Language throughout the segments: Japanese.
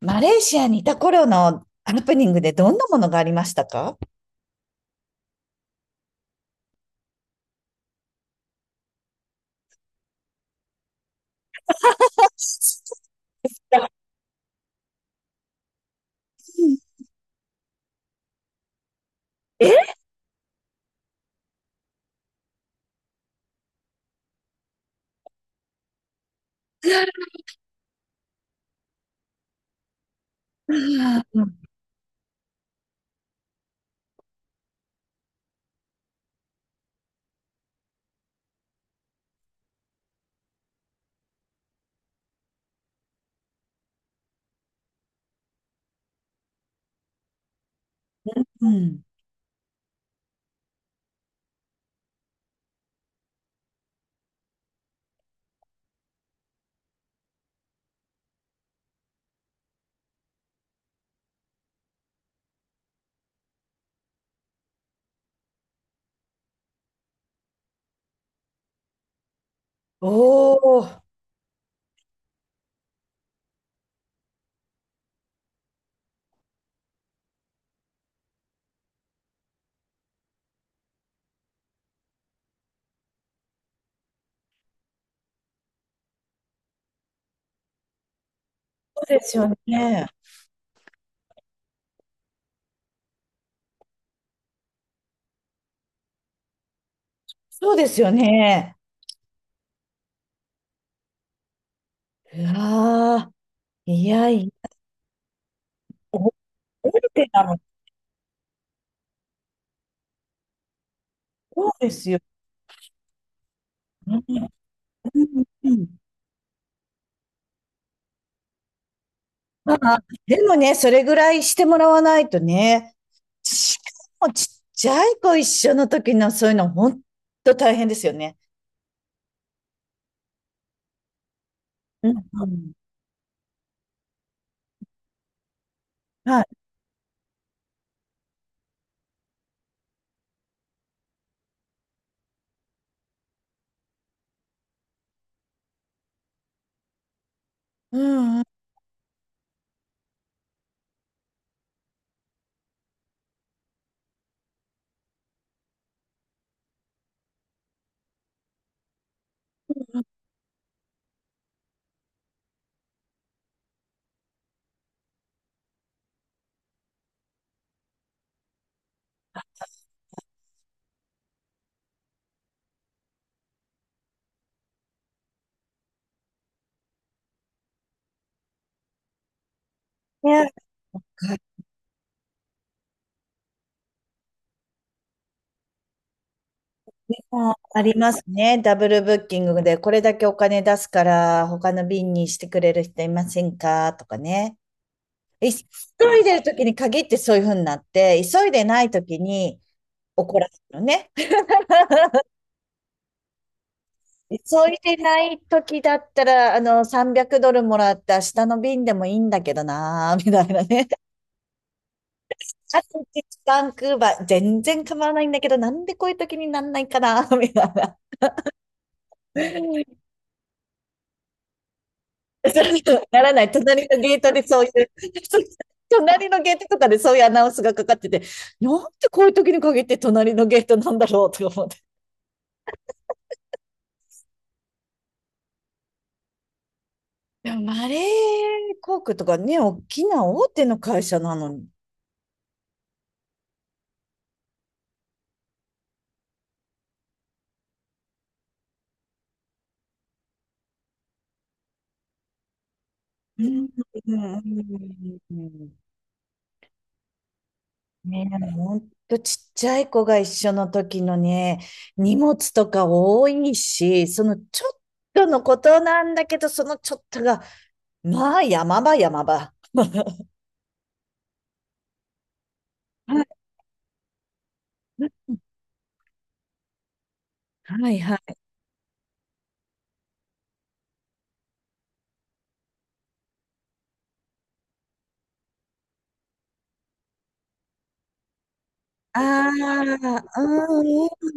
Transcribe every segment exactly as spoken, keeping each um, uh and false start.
マレーシアにいた頃のハプニングでどんなものがありましたか。え。うん。うん。おー、そうですよね。そうですよね。うわー、いやいや、覚えてたの。そうですよね。うん。うん。まあ、でもね、それぐらいしてもらわないとね、しかもちっちゃい子一緒の時のそういうの、本当と大変ですよね。うん。うん。はい。うん。うん。いや、あありますね。ダブルブッキングで、これだけお金出すから、他の便にしてくれる人いませんかとかね。い急いでる時に限ってそういうふうになって、急いでない時に怒らせるのね。急いでない時だったら、あの、さんびゃくドルドルもらって明日の便でもいいんだけどなー、みたいなね。あといちじかんクーバー、全然構わないんだけど、なんでこういう時になんないかなー、みたいな。ならない。隣のゲートでそういう、隣のゲートとかでそういうアナウンスがかかってて、なんでこういう時に限って隣のゲートなんだろうとか思って。でもマレー航空とかね、大きな大手の会社なのに。うん。うん。うん。ねえ、ほんとちっちゃい子が一緒の時のね、荷物とか多いし、そのちょっとのことなんだけど、そのちょっとが、まあ山場山場。はいはい。ああ、うん。うん。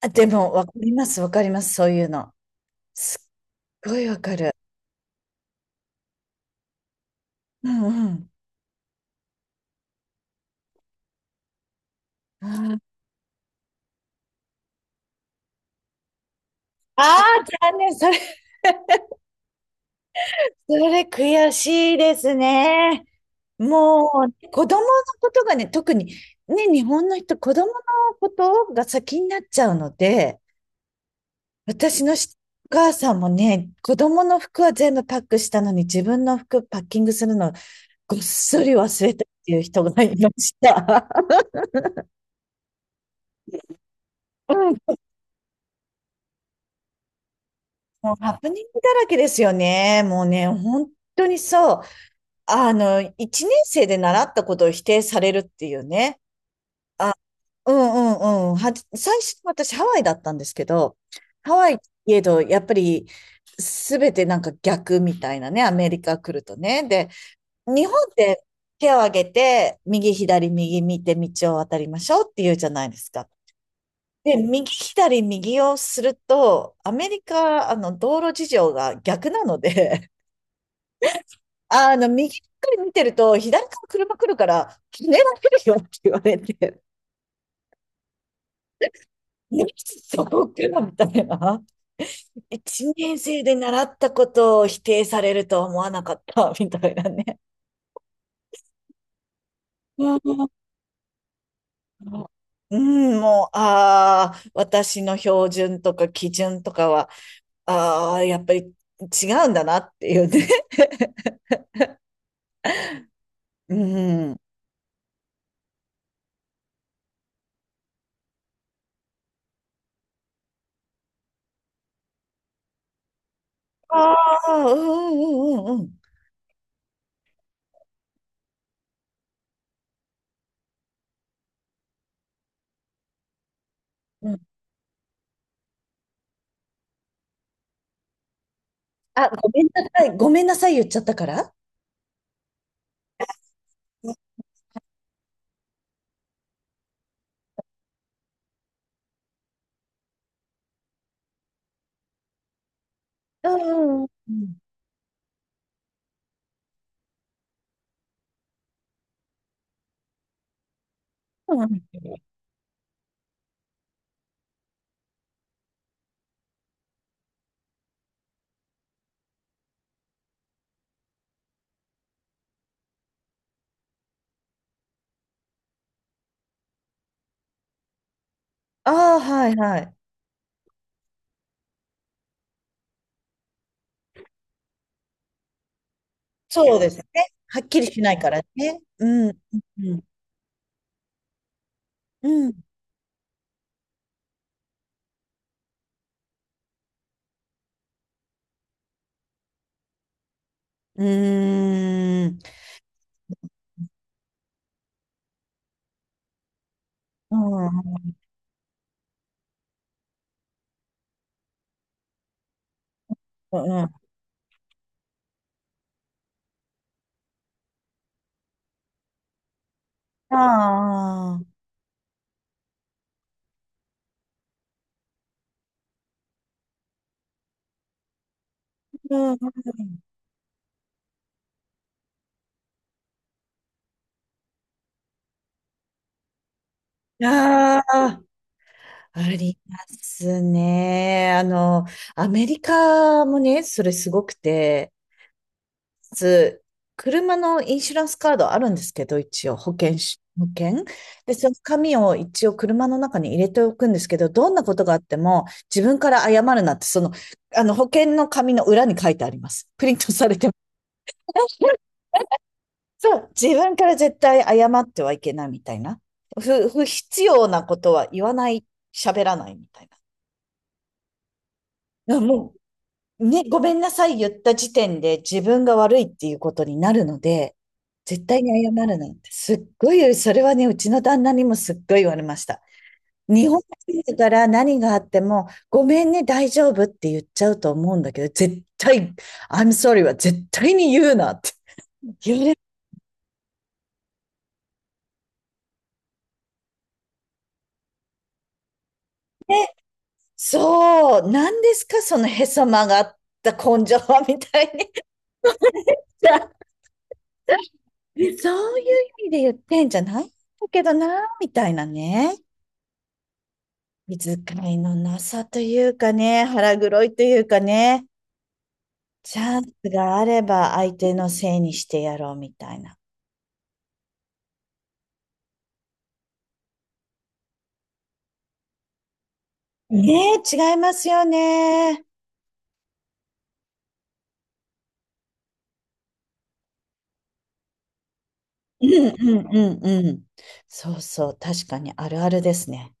あ、でも、わかります、わかります、そういうの。すっごいわかる。うん。うん。あー。あー、残念、それ、それ悔しいですね。もうね、子供のことがね、特に、ね、日本の人、子供のことが先になっちゃうので、私のしお母さんもね、子供の服は全部パックしたのに、自分の服パッキングするの、ごっそり忘れたっていう人がいました。うん、もうハプニングだらけですよね。もうね、本当にそう。あの、一年生で習ったことを否定されるっていうね。あ、うん。うん。うん。はじ、最初、私ハワイだったんですけど、ハワイいえど、やっぱり、すべてなんか逆みたいなね、アメリカ来るとね。で、日本って手を挙げて、右左右見て道を渡りましょうっていうじゃないですか。で、右左右をすると、アメリカ、あの、道路事情が逆なので、あの、右ばっかり見てると、左から車来るから、ひねられるよって言われて、いやそこからみたいな。一年生で習ったことを否定されるとは思わなかった、みたいなね。うん。うん、もう、ああ、私の標準とか基準とかは、ああ、やっぱり違うんだなっていうね。うん。ああ、うん。うん。うん。うん。うん。あ、ごめんなさい。ごめんなさい言っちゃったから。うん。うん。うん。うん。ああ、はいはい。そうですね。はっきりしないからね。うん。うん。うん。うん。うーん。うん。うん。うん。うん。ああ。うん。うん。うん。ああ。うん。ああ、ありますね。あの、アメリカもね、それすごくて、つ、車のインシュランスカードあるんですけど、一応保険し、保険で、その紙を一応車の中に入れておくんですけど、どんなことがあっても自分から謝るなって、その、あの保険の紙の裏に書いてあります。プリントされてます。そう、自分から絶対謝ってはいけないみたいな。不、不必要なことは言わない、喋らないみたいな。いやもね、ごめんなさい言った時点で自分が悪いっていうことになるので、絶対に謝るなんて、すっごい、それはね、うちの旦那にもすっごい言われました。日本人だから何があっても、ごめんね、大丈夫って言っちゃうと思うんだけど、絶対、I'm sorry は絶対に言うなって言われ、そう、何ですか、そのへそ曲がった根性はみたいに。そういう意味で言ってんじゃないんだけどな、みたいなね。気遣いのなさというかね、腹黒いというかね、チャンスがあれば相手のせいにしてやろうみたいな。ねえ、違いますよね。うん。うん。うん。うん。そうそう、確かにあるあるですね。